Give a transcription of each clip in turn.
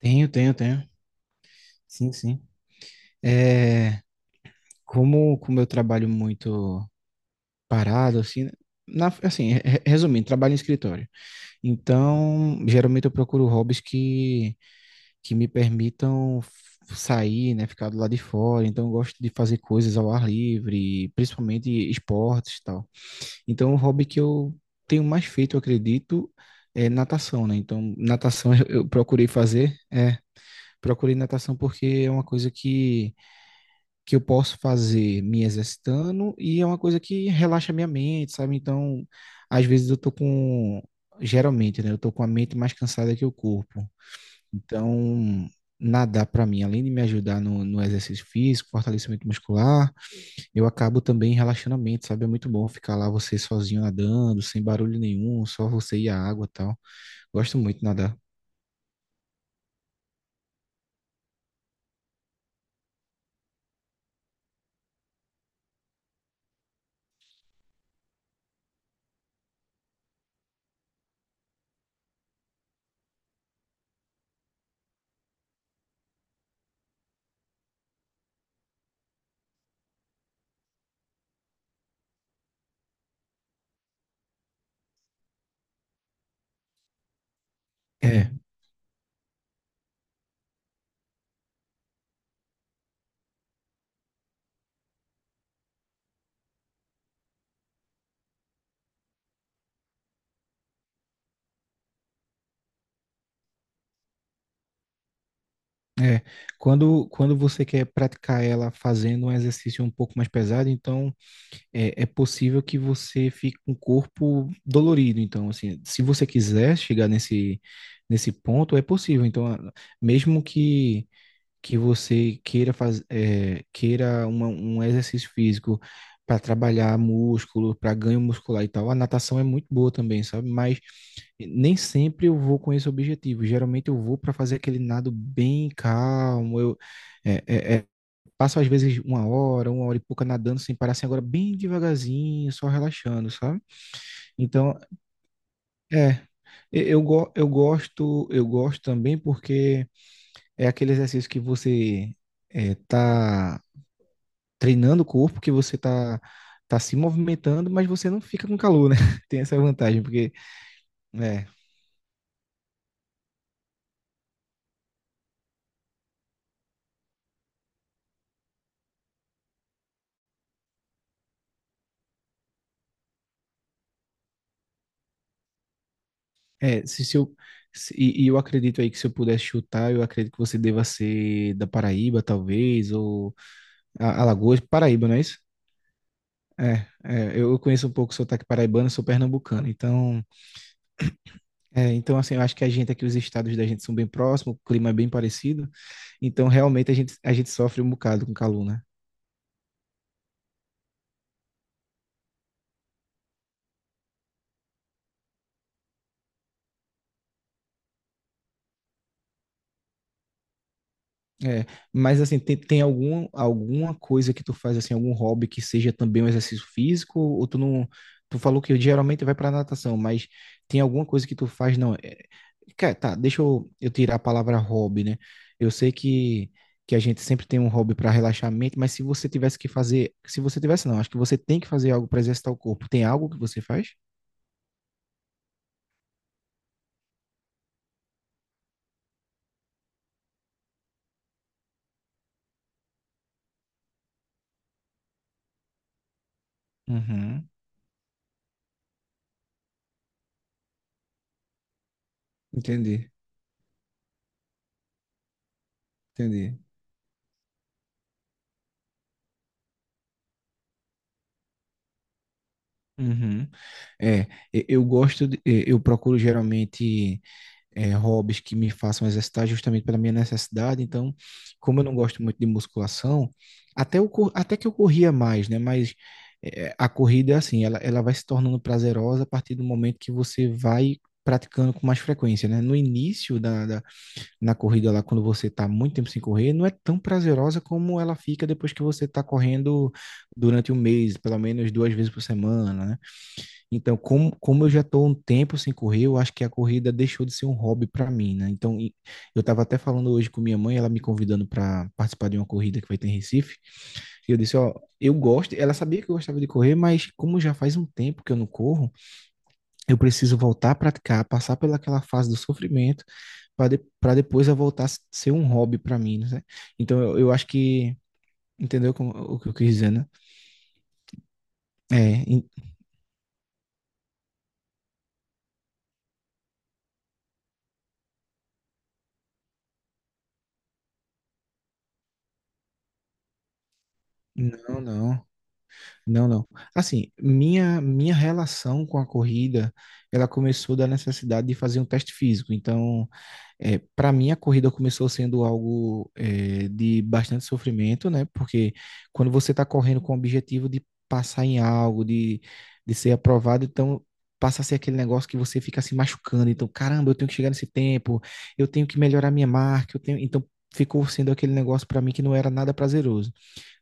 Tenho, tenho, tenho. Sim, sim. É, como eu trabalho muito parado, assim, né? Na, assim, resumindo, trabalho em escritório. Então, geralmente eu procuro hobbies que me permitam sair, né, ficar do lado de fora. Então, eu gosto de fazer coisas ao ar livre, principalmente esportes e tal. Então, o hobby que eu tenho mais feito, eu acredito, é natação, né? Então, natação eu procurei natação porque é uma coisa que eu posso fazer me exercitando e é uma coisa que relaxa a minha mente, sabe? Então, às vezes eu tô com, geralmente, né? Eu tô com a mente mais cansada que o corpo. Então, nadar para mim, além de me ajudar no exercício físico, fortalecimento muscular, eu acabo também relaxando a mente, sabe? É muito bom ficar lá você sozinho nadando, sem barulho nenhum, só você e a água, e tal. Gosto muito de nadar. É, quando você quer praticar ela fazendo um exercício um pouco mais pesado, então é possível que você fique com o corpo dolorido. Então, assim, se você quiser chegar nesse ponto, é possível. Então, mesmo que você queira um exercício físico para trabalhar músculo, para ganho muscular e tal, a natação é muito boa também, sabe? Mas nem sempre eu vou com esse objetivo. Geralmente eu vou para fazer aquele nado bem calmo. Eu, é, é, é Passo às vezes uma hora e pouca nadando sem parar, assim, agora bem devagarzinho, só relaxando, sabe? Então, é, eu gosto também porque é aquele exercício que você tá treinando o corpo, que você tá se movimentando, mas você não fica com calor, né? Tem essa vantagem, porque, é, é, se eu, se- e eu acredito aí que se eu pudesse chutar, eu acredito que você deva ser da Paraíba, talvez, ou Alagoas, Paraíba, não é isso? É, eu conheço um pouco o sotaque paraibano, sou pernambucano, então, então assim, eu acho que a gente aqui, os estados da gente são bem próximos, o clima é bem parecido, então realmente a gente sofre um bocado com calor, né? É, mas assim, tem alguma coisa que tu faz, assim, algum hobby que seja também um exercício físico, ou tu não, tu falou que geralmente vai pra natação, mas tem alguma coisa que tu faz, não, é, cara, tá, deixa eu tirar a palavra hobby, né, eu sei que a gente sempre tem um hobby para relaxar a mente, mas se você tivesse que fazer, se você tivesse não, acho que você tem que fazer algo para exercitar o corpo, tem algo que você faz? Uhum. Entendi, entendi. Uhum. É, e- eu gosto, de- e- eu procuro geralmente hobbies que me façam exercitar justamente pela minha necessidade. Então, como eu não gosto muito de musculação, até que eu corria mais, né? Mas a corrida é assim, ela vai se tornando prazerosa a partir do momento que você vai praticando com mais frequência, né? No início na corrida lá, quando você está muito tempo sem correr, não é tão prazerosa como ela fica depois que você está correndo durante um mês, pelo menos duas vezes por semana, né? Então, como eu já estou um tempo sem correr, eu acho que a corrida deixou de ser um hobby para mim, né? Então, eu estava até falando hoje com minha mãe, ela me convidando para participar de uma corrida que vai ter em Recife, e eu disse, ó, eu gosto, ela sabia que eu gostava de correr, mas como já faz um tempo que eu não corro, eu preciso voltar a praticar, passar pelaquela fase do sofrimento para depois eu voltar a ser um hobby para mim, né? Então eu acho que entendeu o que eu quis dizer, né? É, não, não, não, não. Assim, minha relação com a corrida, ela começou da necessidade de fazer um teste físico. Então. Para mim, a corrida começou sendo algo de bastante sofrimento, né? Porque quando você está correndo com o objetivo de passar em algo, de ser aprovado, então passa a ser aquele negócio que você fica se machucando. Então, caramba, eu tenho que chegar nesse tempo, eu tenho que melhorar minha marca, eu tenho... Então, ficou sendo aquele negócio para mim que não era nada prazeroso.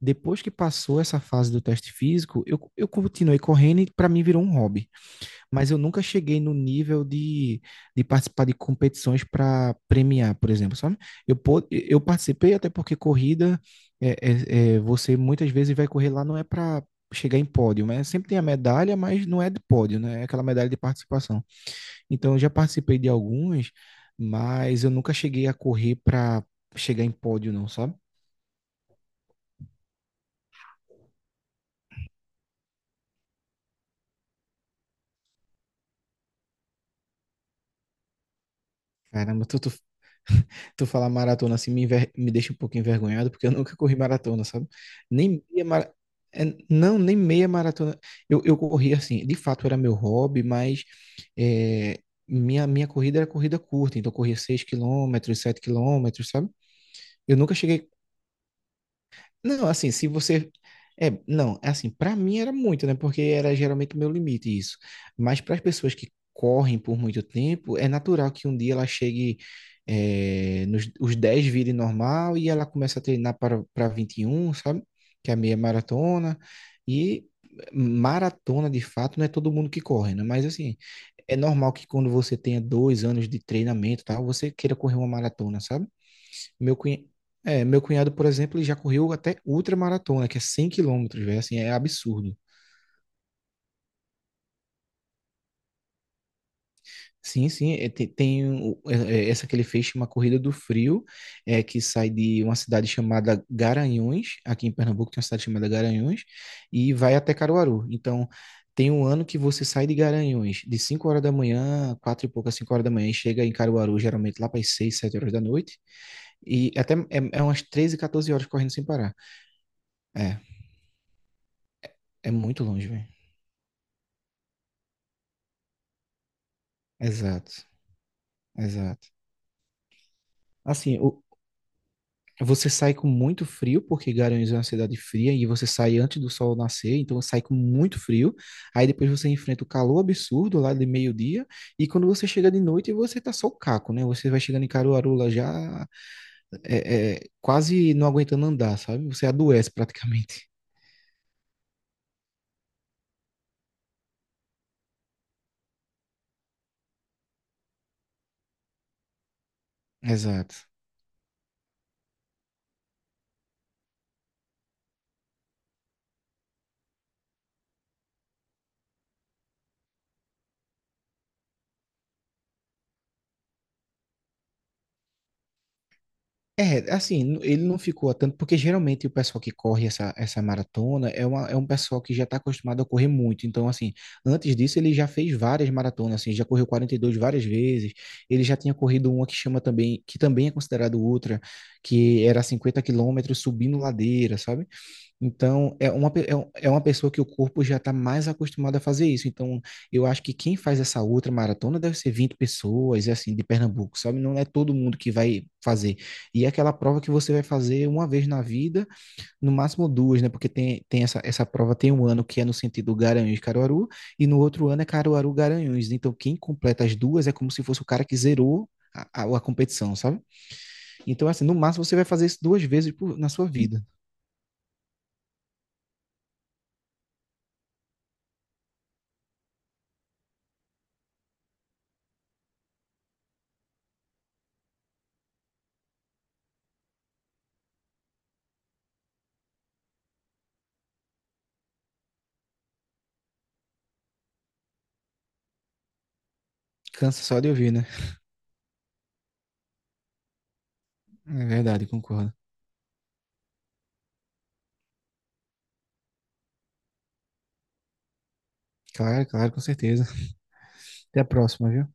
Depois que passou essa fase do teste físico, eu continuei correndo e para mim virou um hobby, mas eu nunca cheguei no nível de, participar de competições para premiar, por exemplo, sabe? Eu participei até porque corrida, você muitas vezes vai correr lá, não é para chegar em pódio, né? Sempre tem a medalha, mas não é de pódio, né? É aquela medalha de participação. Então, eu já participei de algumas, mas eu nunca cheguei a correr para chegar em pódio, não, sabe? Caramba, tu falar maratona assim me deixa um pouco envergonhado, porque eu nunca corri maratona, sabe? Nem meia mara... não, nem meia maratona. Eu corri assim, de fato era meu hobby, mas é, minha corrida era corrida curta, então eu corria 6 quilômetros, 7 quilômetros, sabe? Eu nunca cheguei não, assim, se você. É, não, é assim, pra mim era muito, né? Porque era geralmente o meu limite isso. Mas para as pessoas que correm por muito tempo, é natural que um dia ela chegue nos os 10 virem normal e ela começa a treinar para, para 21, sabe? Que é a meia maratona. E maratona, de fato, não é todo mundo que corre, né? Mas assim, é normal que quando você tenha 2 anos de treinamento, e tal, você queira correr uma maratona, sabe? Meu cunhado, meu cunhado, por exemplo, ele já correu até ultramaratona, que é 100 quilômetros, velho, assim, é absurdo. Sim, sim, tem, essa que ele fez, chama Corrida do Frio, que sai de uma cidade chamada Garanhuns, aqui em Pernambuco tem uma cidade chamada Garanhuns, e vai até Caruaru. Então, tem um ano que você sai de Garanhuns de 5 horas da manhã, 4 e pouca, 5 horas da manhã, e chega em Caruaru, geralmente lá para as 6, 7 horas da noite, e até é umas 13, 14 horas correndo sem parar. É, é, muito longe, velho. Exato, exato. Assim, você sai com muito frio, porque Garanhuns é uma cidade fria, e você sai antes do sol nascer, então sai com muito frio. Aí depois você enfrenta o calor absurdo lá de meio-dia, e quando você chega de noite, você tá só o caco, né? Você vai chegando em Caruaru lá já quase não aguentando andar, sabe? Você adoece praticamente. Exato. É, assim, ele não ficou a tanto, porque geralmente o pessoal que corre essa maratona é um pessoal que já está acostumado a correr muito. Então, assim, antes disso ele já fez várias maratonas, assim, já correu 42 várias vezes. Ele já tinha corrido uma que chama também, que também é considerado ultra, que era 50 quilômetros subindo ladeira, sabe? Então, é uma, pe- é um- é uma pessoa que o corpo já está mais acostumado a fazer isso. Então, eu acho que quem faz essa outra maratona deve ser 20 pessoas, assim, de Pernambuco, sabe? Não é todo mundo que vai fazer. E é aquela prova que você vai fazer uma vez na vida, no máximo duas, né? Porque tem essa prova, tem um ano que é no sentido Garanhuns-Caruaru, e no outro ano é Caruaru-Garanhuns. Então, quem completa as duas é como se fosse o cara que zerou a competição, sabe? Então, assim, no máximo você vai fazer isso duas vezes na sua vida. Cansa só de ouvir, né? É verdade, concordo. Claro, claro, com certeza. Até a próxima, viu?